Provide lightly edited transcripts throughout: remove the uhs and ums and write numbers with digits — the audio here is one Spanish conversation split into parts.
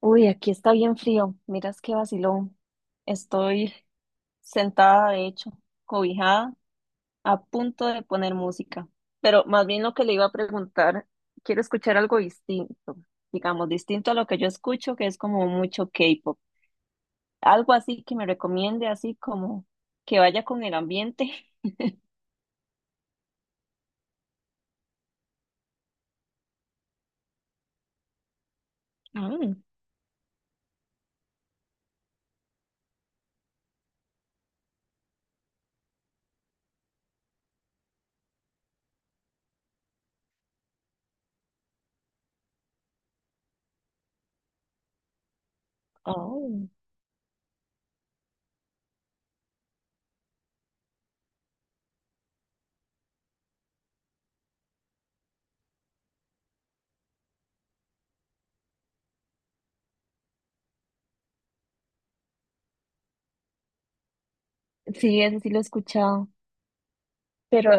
Uy, aquí está bien frío. Miras qué vacilón. Estoy sentada, de hecho, cobijada, a punto de poner música. Pero más bien lo que le iba a preguntar, quiero escuchar algo distinto, digamos, distinto a lo que yo escucho, que es como mucho K-pop. Algo así que me recomiende, así como que vaya con el ambiente. Ah, oh. Sí, ese sí lo he escuchado. Pero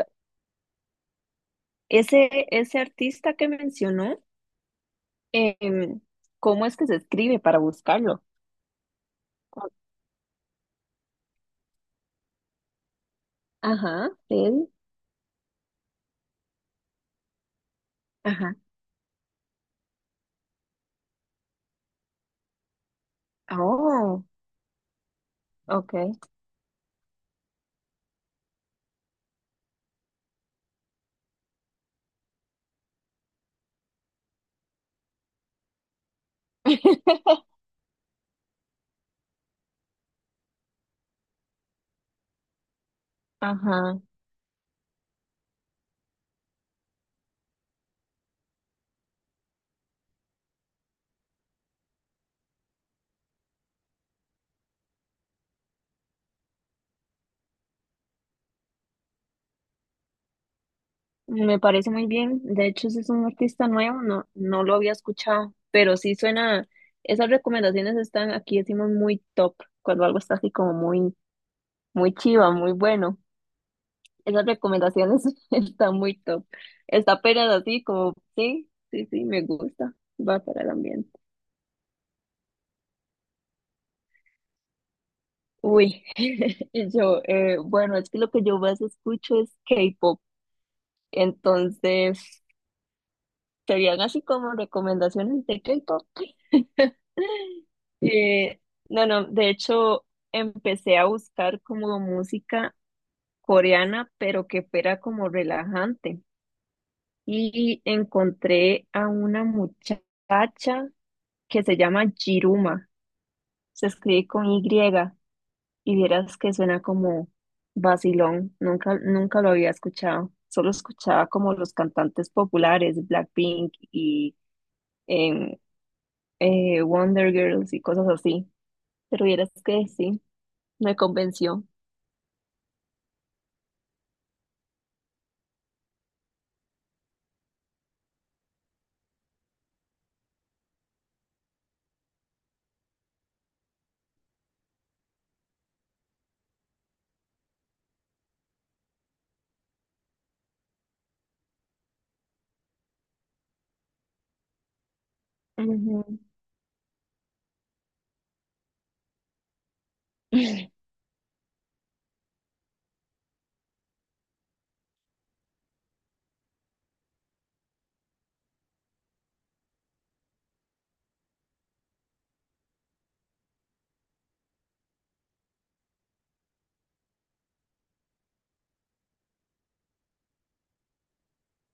ese artista que mencionó, em, ¿cómo es que se escribe para buscarlo? Ajá, él. Ajá. Oh, ok. Ajá. Me parece muy bien. De hecho, ese es un artista nuevo, no, no lo había escuchado, pero sí suena, esas recomendaciones están aquí, decimos muy top, cuando algo está así como muy, muy chiva, muy bueno. Esas recomendaciones están muy top. Está apenas así como, sí, sí, sí, me gusta. Va para el ambiente. Uy, y yo, bueno, es que lo que yo más escucho es K-pop. Entonces, serían así como recomendaciones de K-pop. Eh, no, no, de hecho, empecé a buscar como música coreana, pero que fuera como relajante. Y encontré a una muchacha que se llama Jiruma. Se escribe con Y y vieras que suena como vacilón. Nunca, nunca lo había escuchado. Solo escuchaba como los cantantes populares, Blackpink y em, Wonder Girls y cosas así. Pero vieras que sí, me convenció. Ujú.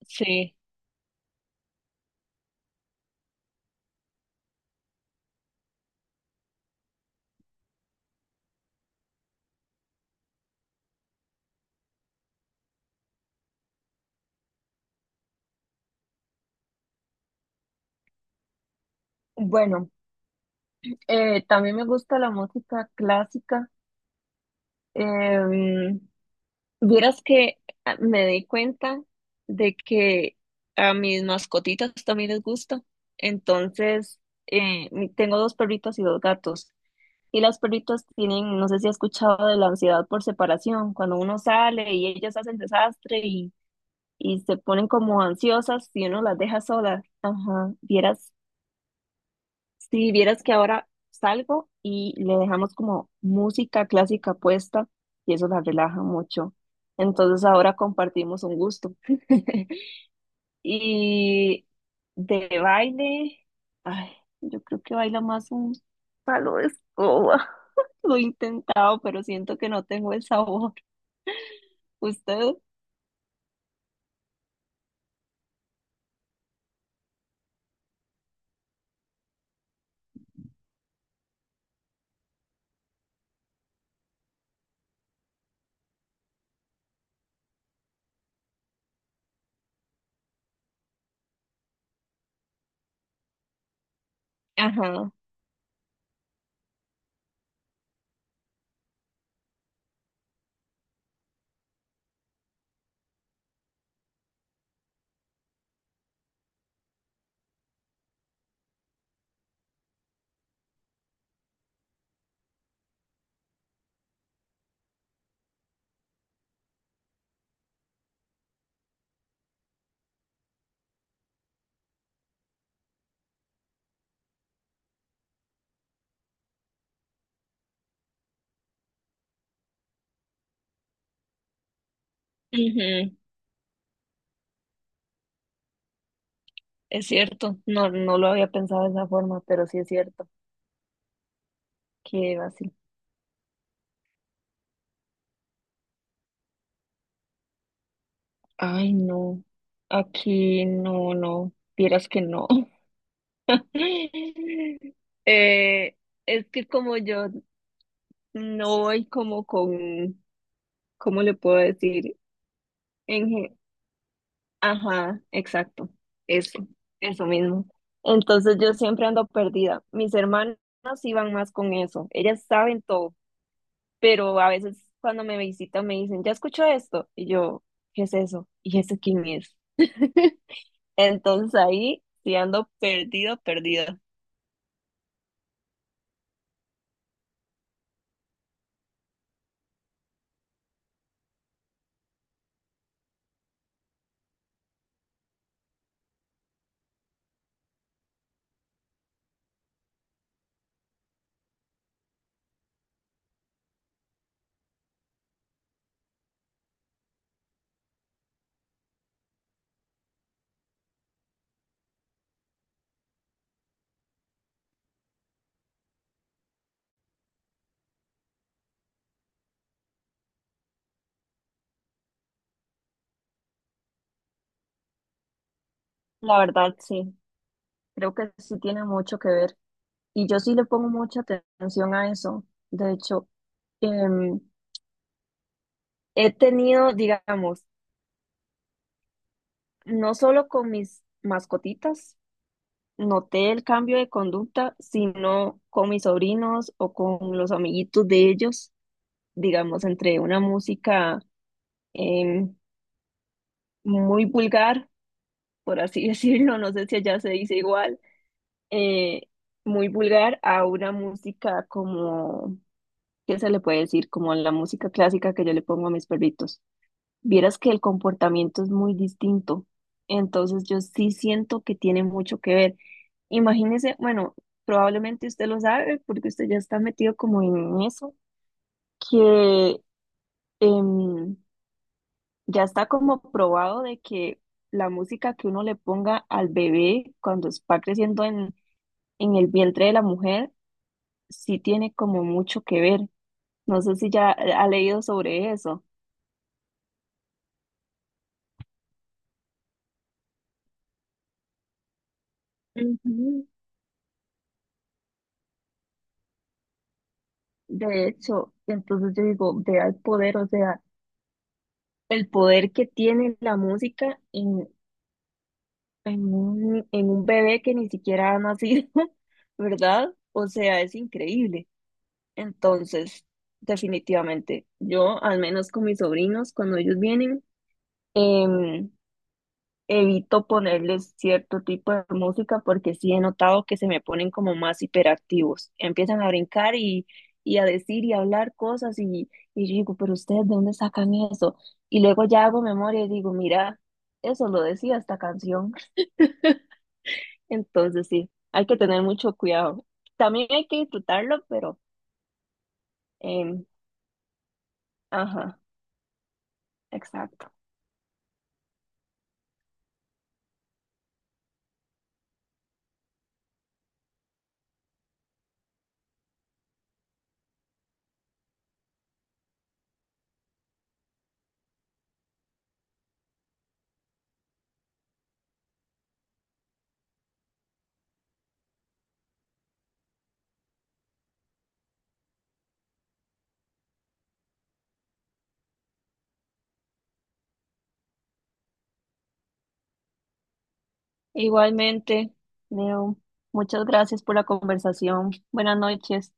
Sí. Bueno, también me gusta la música clásica. Em, vieras que ah, me di cuenta de que a mis mascotitas también les gusta. Entonces, mi- tengo 2 perritas y 2 gatos. Y las perritas tienen, no sé si has escuchado de la ansiedad por separación, cuando uno sale y ellas hacen desastre y se ponen como ansiosas si uno las deja solas. Ajá, vieras, si vieras que ahora salgo y le dejamos como música clásica puesta y eso las relaja mucho. Entonces ahora compartimos un gusto. Y de baile, ay, yo creo que baila más un palo de escoba. Lo he intentado, pero siento que no tengo el sabor. ¿Usted? Ajá. Ujú. Es cierto, no, no lo había pensado de esa forma, pero sí es cierto que era así. Ay, no, aquí no, no, vieras que no. Eh, es que como yo no voy como con, ¿cómo le puedo decir? En, ge- ajá, exacto, eso, eso mismo. Entonces yo siempre ando perdida. Mis hermanas iban más con eso, ellas saben todo pero a veces cuando me visitan me dicen, ya escucho esto, y yo, ¿qué es eso? ¿Y ese quién es? Entonces ahí sí ando perdido, perdida. La verdad, sí, creo que sí tiene mucho que ver. Y yo sí le pongo mucha atención a eso. De hecho, em, he tenido, digamos, no solo con mis mascotitas, noté el cambio de conducta, sino con mis sobrinos o con los amiguitos de ellos, digamos, entre una música em, muy vulgar, por así decirlo, no sé si allá se dice igual, eh, muy vulgar a una música como, ¿qué se le puede decir? Como la música clásica que yo le pongo a mis perritos. Vieras que el comportamiento es muy distinto, entonces yo sí siento que tiene mucho que ver. Imagínese, bueno, probablemente usted lo sabe porque usted ya está metido como en eso, que... em, ya está como probado de que la música que uno le ponga al bebé cuando va creciendo en el vientre de la mujer, sí tiene como mucho que ver. No sé si ya ha leído sobre eso. Ujú. De hecho, entonces yo digo, vea el poder, o sea, el poder que tiene la música en un bebé que ni siquiera ha nacido, ¿verdad? O sea, es increíble. Entonces, definitivamente, yo al menos con mis sobrinos, cuando ellos vienen, em, evito ponerles cierto tipo de música porque sí he notado que se me ponen como más hiperactivos. Empiezan a brincar y a decir y a hablar cosas y yo digo, pero ustedes, ¿de dónde sacan eso? Y luego ya hago memoria y digo, mira, eso lo decía esta canción. Entonces, sí, hay que tener mucho cuidado. También hay que disfrutarlo, pero, em, ajá, exacto. Igualmente, Leo, muchas gracias por la conversación. Buenas noches.